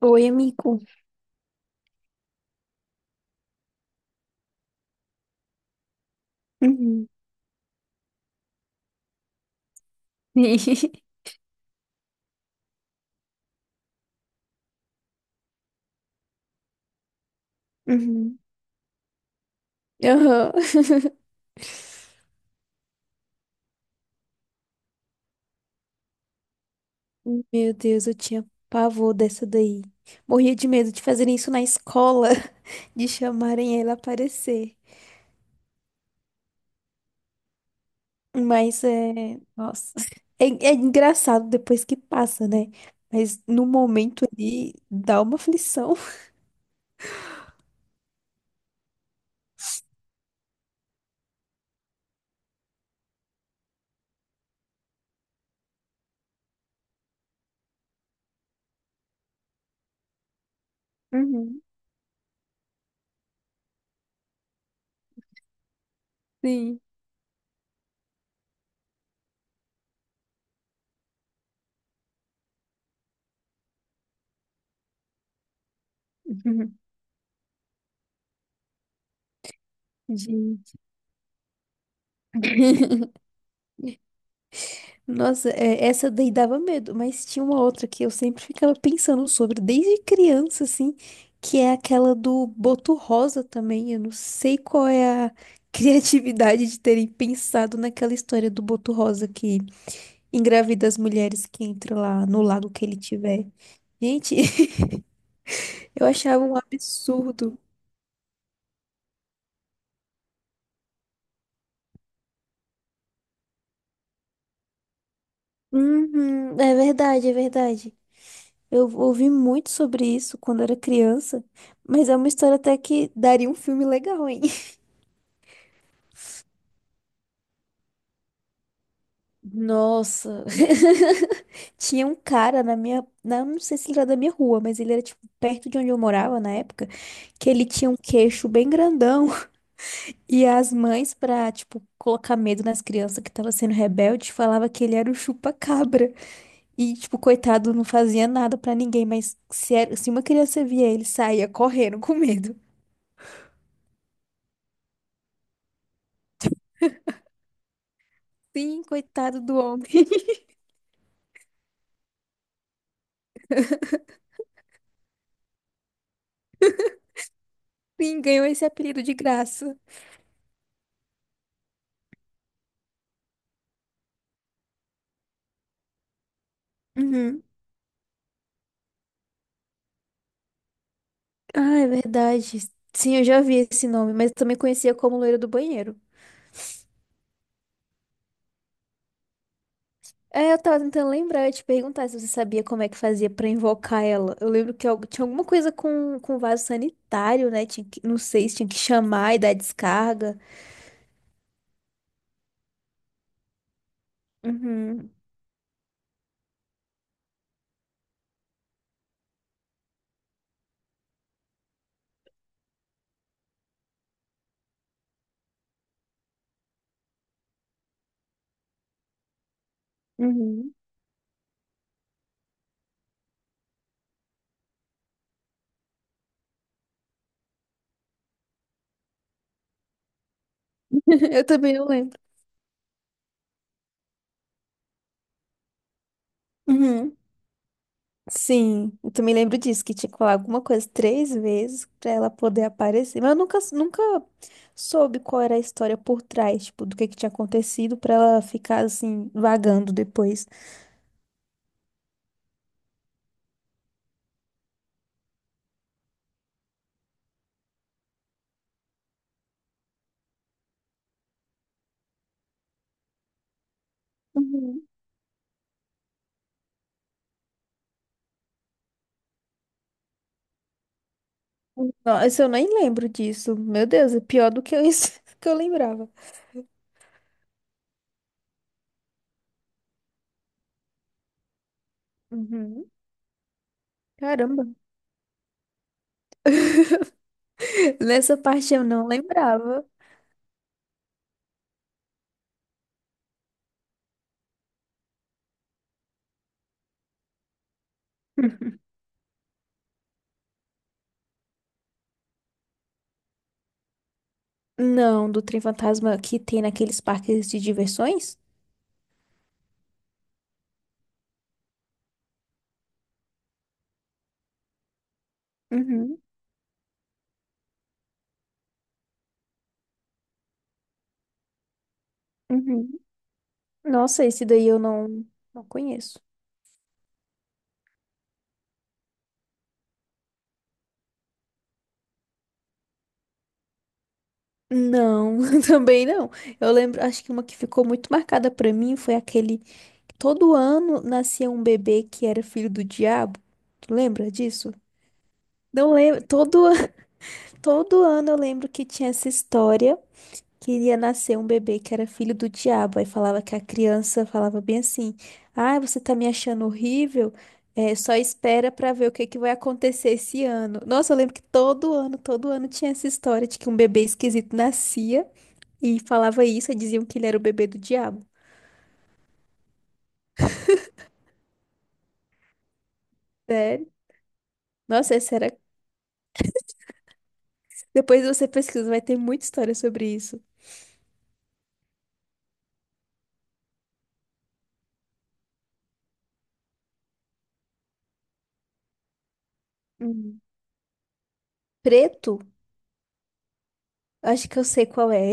Oi, amigo. Uhum. Uhum. Aham. Meu Deus, eu tinha pavor dessa daí. Morria de medo de fazerem isso na escola, de chamarem ela a aparecer. Mas é. Nossa. É, é engraçado depois que passa, né? Mas no momento ali dá uma aflição. Uhum. Sim. Uhum. Gente. Nossa, é, essa daí dava medo, mas tinha uma outra que eu sempre ficava pensando sobre, desde criança, assim, que é aquela do Boto Rosa também. Eu não sei qual é a criatividade de terem pensado naquela história do Boto Rosa que engravida as mulheres que entram lá no lago que ele tiver. Gente, eu achava um absurdo. Uhum, é verdade, é verdade. Eu ouvi muito sobre isso quando era criança, mas é uma história até que daria um filme legal, hein? Nossa. Tinha um cara na minha. Não sei se ele era da minha rua, mas ele era, tipo, perto de onde eu morava na época, que ele tinha um queixo bem grandão. E as mães, pra, tipo, colocar medo nas crianças que tava sendo rebelde, falava que ele era o chupa-cabra. E, tipo, coitado, não fazia nada pra ninguém, mas se, se uma criança via ele, saía correndo com medo. Sim, coitado do homem. Sim, ganhou esse apelido de graça. Uhum. Ah, é verdade. Sim, eu já vi esse nome, mas eu também conhecia como loira do banheiro. É, eu tava tentando lembrar, eu te perguntar se você sabia como é que fazia pra invocar ela. Eu lembro que tinha alguma coisa com vaso sanitário, né? Não sei se tinha que chamar e dar descarga. Uhum, uhum. Eu também não lembro. Uhum. Sim, eu também lembro disso, que tinha que falar alguma coisa 3 vezes pra ela poder aparecer. Mas eu nunca soube qual era a história por trás, tipo, do que tinha acontecido pra ela ficar assim, vagando depois. Uhum. Nossa, eu nem lembro disso. Meu Deus, é pior do que eu, isso que eu lembrava. Uhum. Caramba. Nessa parte eu não lembrava. Não, do trem fantasma que tem naqueles parques de diversões? Uhum. Uhum. Nossa, esse daí eu não conheço. Não, também não. Eu lembro, acho que uma que ficou muito marcada pra mim foi aquele que todo ano nascia um bebê que era filho do diabo. Tu lembra disso? Não lembro. Todo ano eu lembro que tinha essa história. Queria nascer um bebê que era filho do diabo. Aí falava que a criança falava bem assim: Ah, você tá me achando horrível? É, só espera pra ver o que que vai acontecer esse ano. Nossa, eu lembro que todo ano tinha essa história de que um bebê esquisito nascia e falava isso, e diziam que ele era o bebê do diabo. Sério? Nossa, essa era. Depois você pesquisa, vai ter muita história sobre isso. Hum. Preto? Acho que eu sei qual é.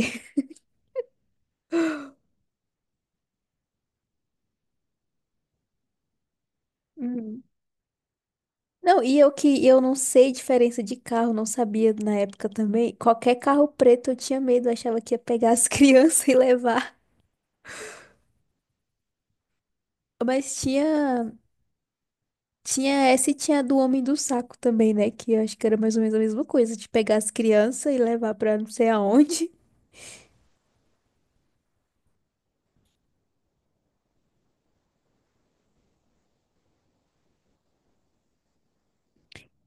Não, e eu que eu não sei diferença de carro, não sabia na época também. Qualquer carro preto eu tinha medo, eu achava que ia pegar as crianças e levar. Mas tinha, tinha essa e tinha a do Homem do Saco também, né? Que eu acho que era mais ou menos a mesma coisa, de pegar as crianças e levar pra não sei aonde.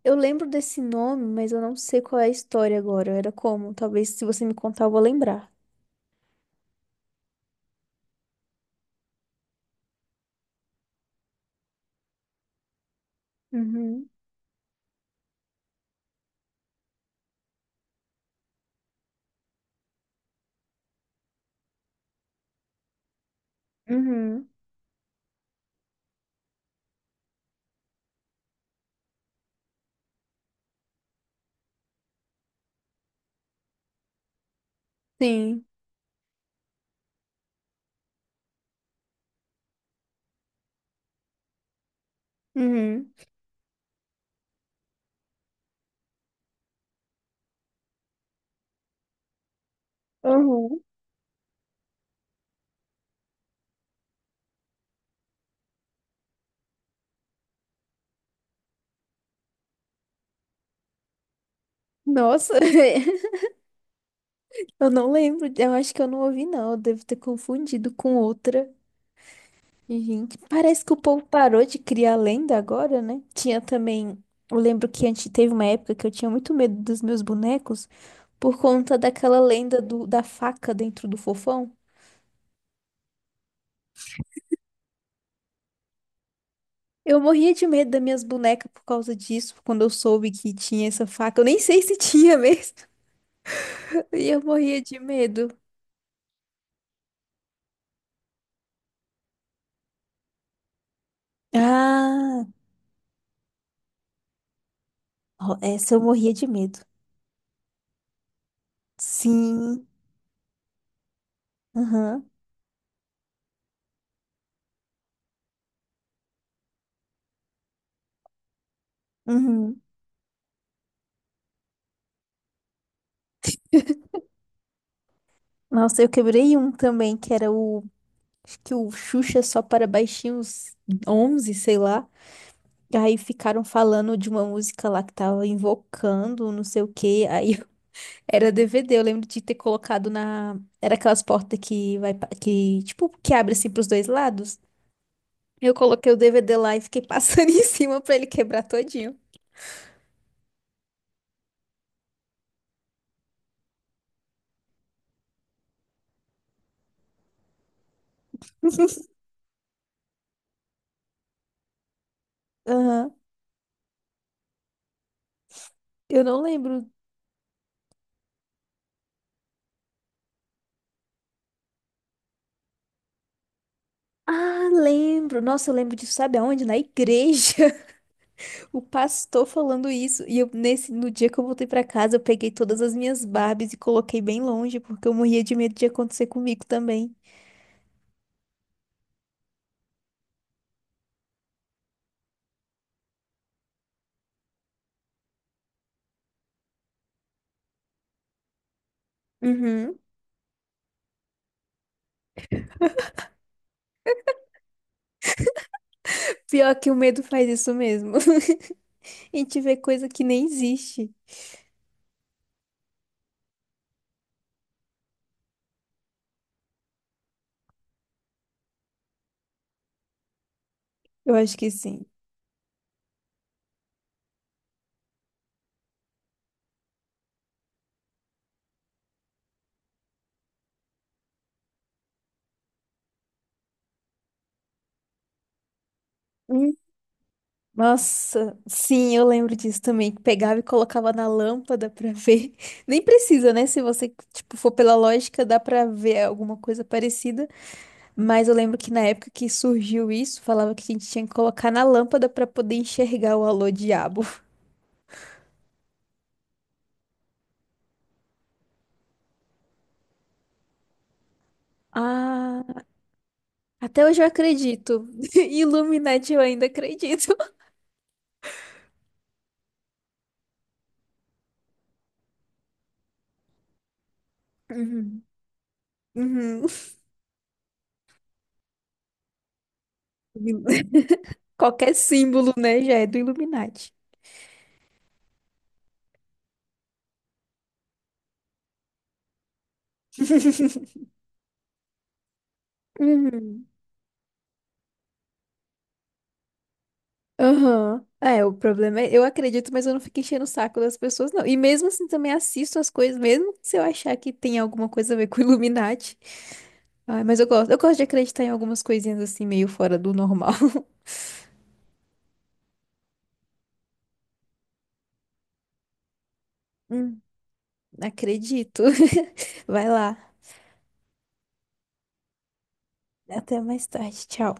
Eu lembro desse nome, mas eu não sei qual é a história agora. Era como? Talvez se você me contar, eu vou lembrar. Uhum, uhum, sim, uhum, uhum. Nossa. Eu não lembro, eu acho que eu não ouvi, não. Eu devo ter confundido com outra. E, gente, parece que o povo parou de criar lenda agora, né? Tinha também. Eu lembro que antes teve uma época que eu tinha muito medo dos meus bonecos por conta daquela lenda da faca dentro do fofão. Eu morria de medo das minhas bonecas por causa disso, quando eu soube que tinha essa faca. Eu nem sei se tinha mesmo. E eu morria de medo. Ah, ó, essa eu morria de medo. Sim. Aham. Uhum. Nossa, eu quebrei um também, que era o. Acho que o Xuxa só para baixinhos 11 sei lá. Aí ficaram falando de uma música lá que tava invocando, não sei o quê. Era DVD, eu lembro de ter colocado na. Era aquelas portas que vai. Que, tipo, que abre assim pros dois lados. Eu coloquei o DVD lá e fiquei passando em cima pra ele quebrar todinho. Aham. Eu não lembro. Ah, lembro. Nossa, eu lembro disso, sabe aonde? Na igreja. O pastor falando isso, e eu nesse no dia que eu voltei pra casa, eu peguei todas as minhas Barbies e coloquei bem longe, porque eu morria de medo de acontecer comigo também. Uhum. Pior que o medo faz isso mesmo. A gente vê coisa que nem existe. Eu acho que sim. Hum. Nossa, sim, eu lembro disso também, que pegava e colocava na lâmpada pra ver. Nem precisa, né? Se você, tipo, for pela lógica, dá pra ver alguma coisa parecida. Mas eu lembro que na época que surgiu isso, falava que a gente tinha que colocar na lâmpada pra poder enxergar o alô diabo. Ah, até hoje eu acredito. Illuminati eu ainda acredito. Uhum. Uhum. Qualquer símbolo, né, já é do Illuminati. Uhum. Aham. É, o problema é, eu acredito, mas eu não fico enchendo o saco das pessoas, não. E mesmo assim também assisto as coisas, mesmo se eu achar que tem alguma coisa a ver com Illuminati. Ai, mas eu gosto de acreditar em algumas coisinhas assim, meio fora do normal. Hum, acredito. Vai lá. Até mais tarde. Tchau.